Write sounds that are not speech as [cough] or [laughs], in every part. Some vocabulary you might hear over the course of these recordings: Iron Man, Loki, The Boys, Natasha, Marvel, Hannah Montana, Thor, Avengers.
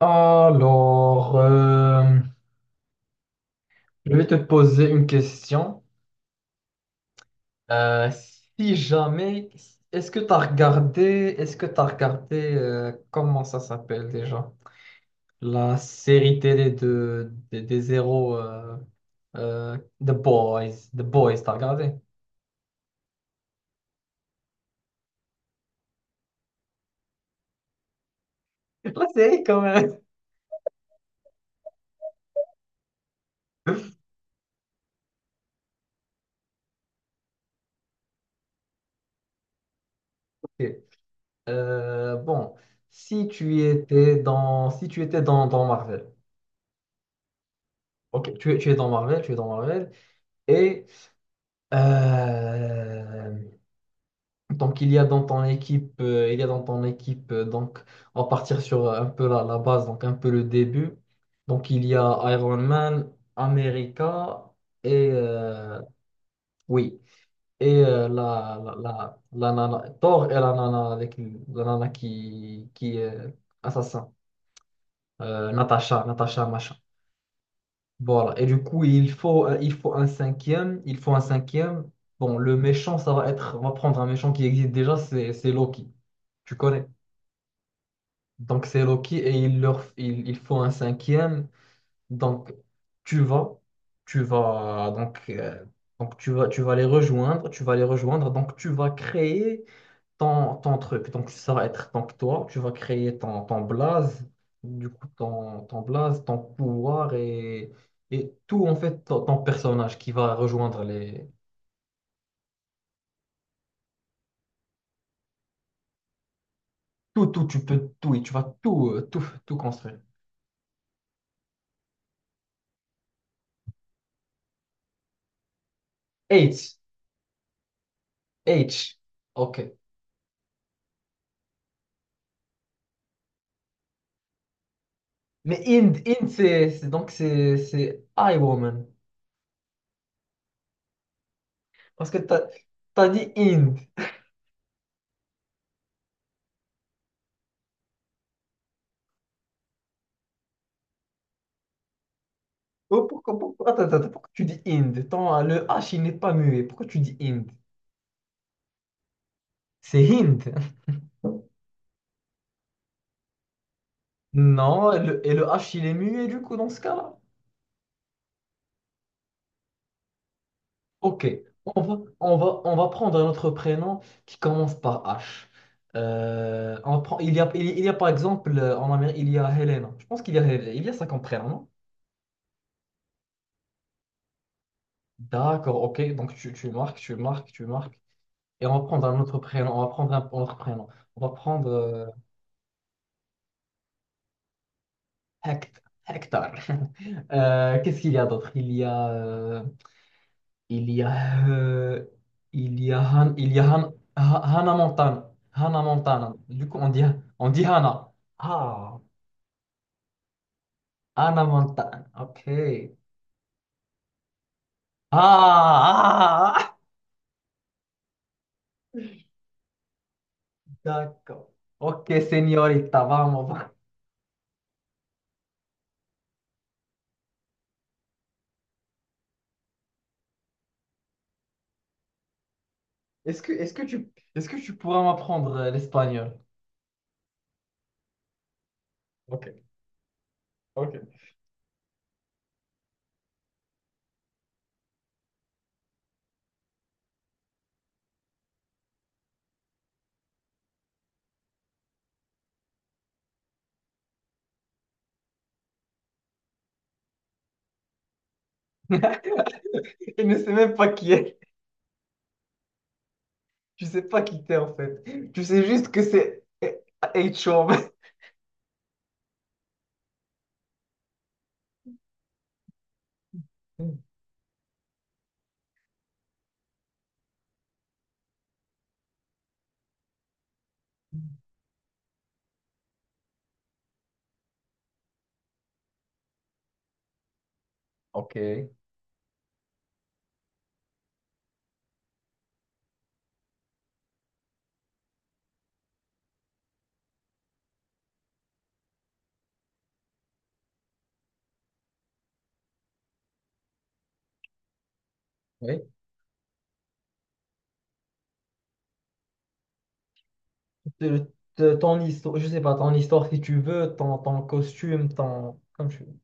Alors, euh, je vais te poser une question. Euh, si jamais, est-ce que tu as regardé, est-ce que tu regardé, comment ça s'appelle déjà? La série télé des héros euh, The Boys. The Boys, t'as regardé? [laughs] La série quand même. Ok. Euh, bon, si tu étais dans Marvel. Ok, tu es dans Marvel, et euh, Donc il y a dans ton équipe, il y a dans ton équipe, donc, On va partir sur un peu la base, donc un peu le début. Donc, il y a Iron Man, America et, oui, et la, la nana, Thor et la nana, avec, la nana qui est assassin, Natasha, Natasha, machin. Voilà. Et du coup, il faut un cinquième. Bon, le méchant, ça va être, on va prendre un méchant qui existe déjà, c'est Loki. Tu connais? Donc, c'est Loki et il faut un cinquième. Donc, tu vas, tu vas, donc tu vas les rejoindre. Donc, tu vas créer ton truc. Donc, ça va être donc toi, tu vas créer ton blaze, du coup, ton blaze, ton pouvoir et tout, en fait, ton personnage qui va rejoindre les. Tout, tout, tu peux tout, et tu vas tout, tout construire. H, H, ok. Mais Inde, Inde, c'est I woman. Parce que t'as as dit Inde. Oh, pourquoi, attends, attends, pourquoi tu dis Inde? Tant, le H il n'est pas muet. Pourquoi tu dis Inde? C'est Hind. [laughs] Non, et et le H il est muet du coup dans ce cas-là. Ok, on va, on va prendre un autre prénom qui commence par H. On prend, il y a par exemple en Amérique, il y a Helena. Je pense qu'il y a, Hel- il y a ça comme prénom, non? D'accord, ok, donc tu marques, tu marques. Et on va prendre un autre prénom. On va prendre un autre prénom. On va prendre Hect- Hector. [laughs] Qu'est-ce qu'il y a d'autre? Il y a, euh, il y a, Han- il y a Han- Ha- Hannah Montana. Hannah Montana. Du coup, on dit Hannah. Ah, Hannah Montana. Ok. Ah, ah, [laughs] d'accord. Ok, señorita, vamos. Va. Est-ce que, est-ce que tu pourras m'apprendre l'espagnol? Ok, ok. [laughs] Je ne sais même pas qui est. Tu sais pas qui t'es en fait. Tu sais juste que c'est H-Chauve. Ok. Oui. Te- ton histoire, je sais pas, ton histoire si tu veux, ton costume, ton. Comme tu veux.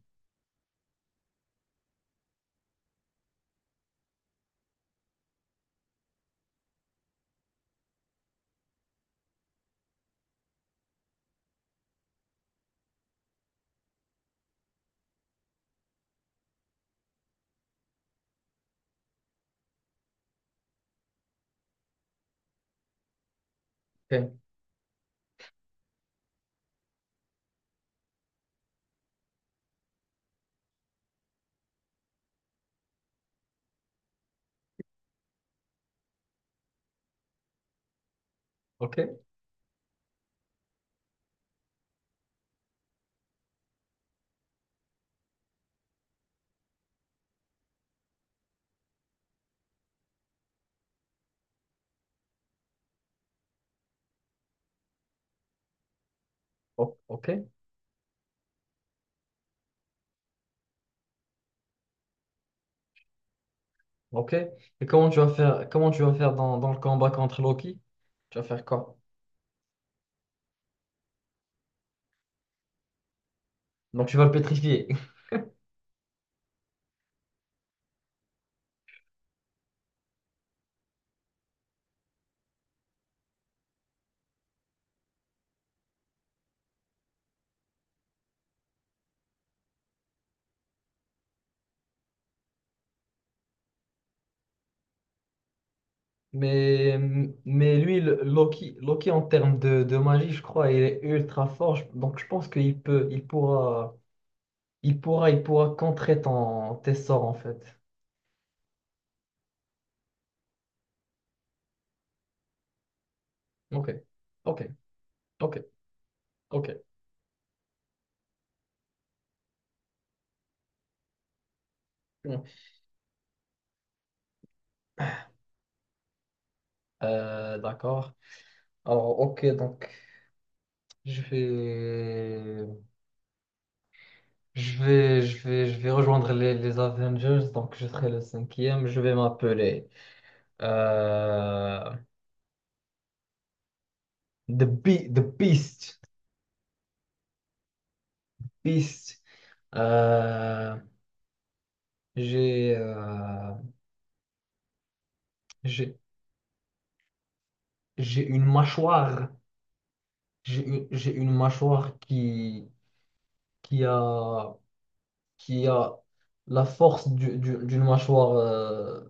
Ok. Ok. Ok. Ok. Ok. Et comment tu vas faire, comment tu vas faire dans le combat contre Loki? Tu vas faire quoi? Donc tu vas le pétrifier. [laughs] Mais, mais lui, le- Loki, Loki en termes de magie, je crois, il est ultra fort. Je- donc je pense qu'il peut, il pourra. Il pourra contrer ton, tes sorts en fait. Ok, ok, ok, ok. Mm. D'accord. Alors, ok, donc je vais, je vais rejoindre les Avengers. Donc, je serai le cinquième. Je vais m'appeler euh, The Be- The Beast, Beast. Euh, j'ai, euh, j'ai, j'ai une mâchoire. J'ai une mâchoire qui a qui a la force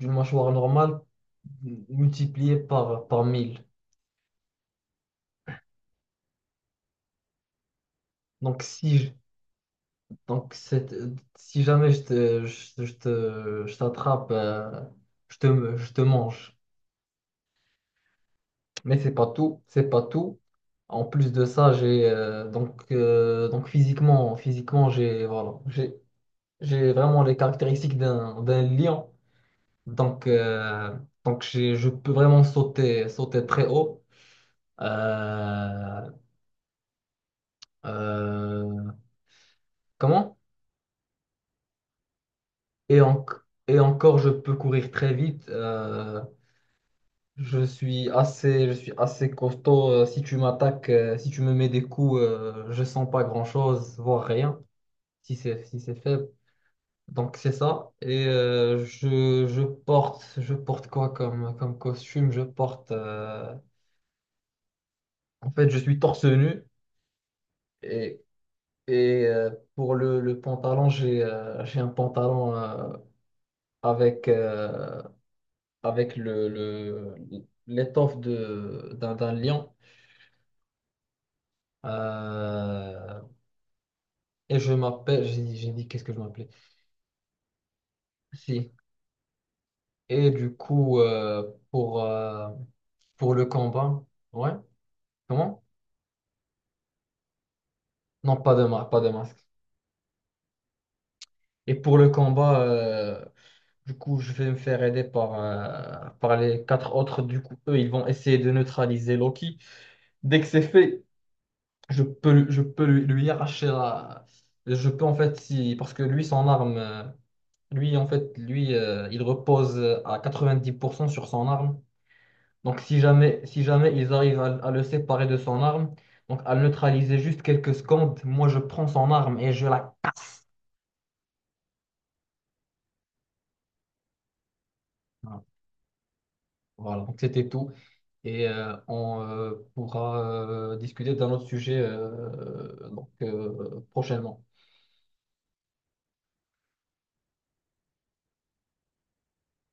d'une mâchoire normale multipliée par mille. Donc, si, je- donc c'est- Si jamais je je t'attrape, je te mange. Mais c'est pas tout, c'est pas tout. En plus de ça, j'ai donc physiquement, physiquement j'ai voilà, j'ai vraiment les caractéristiques d'un lion. Donc, je peux vraiment sauter, sauter très haut. Euh, euh, comment? Et, en- et encore, je peux courir très vite. Je suis assez costaud. Si tu me mets des coups, je sens pas grand-chose, voire rien, si c'est faible. Donc c'est ça. Et je porte quoi comme, comme costume? Je porte. Euh, en fait, je suis torse nu et, et pour le pantalon, j'ai un pantalon. Avec, avec l'étoffe d'un lion. Euh, et je m'appelle, j'ai dit qu'est-ce que je m'appelais? Si. Et du coup, pour, euh, pour le combat, ouais, comment? Non, pas de masque, pas de masque. Et pour le combat, du coup, je vais me faire aider par les quatre autres. Du coup, eux, ils vont essayer de neutraliser Loki. Dès que c'est fait, je peux, lui- je peux lui, lui arracher la... Je peux en fait, si... parce que lui, son arme, lui, en fait, lui, il repose à 90% sur son arme. Donc, si jamais ils arrivent à le séparer de son arme, donc à le neutraliser juste quelques secondes, moi, je prends son arme et je la... Ah, voilà, donc c'était tout. Et on pourra discuter d'un autre sujet prochainement.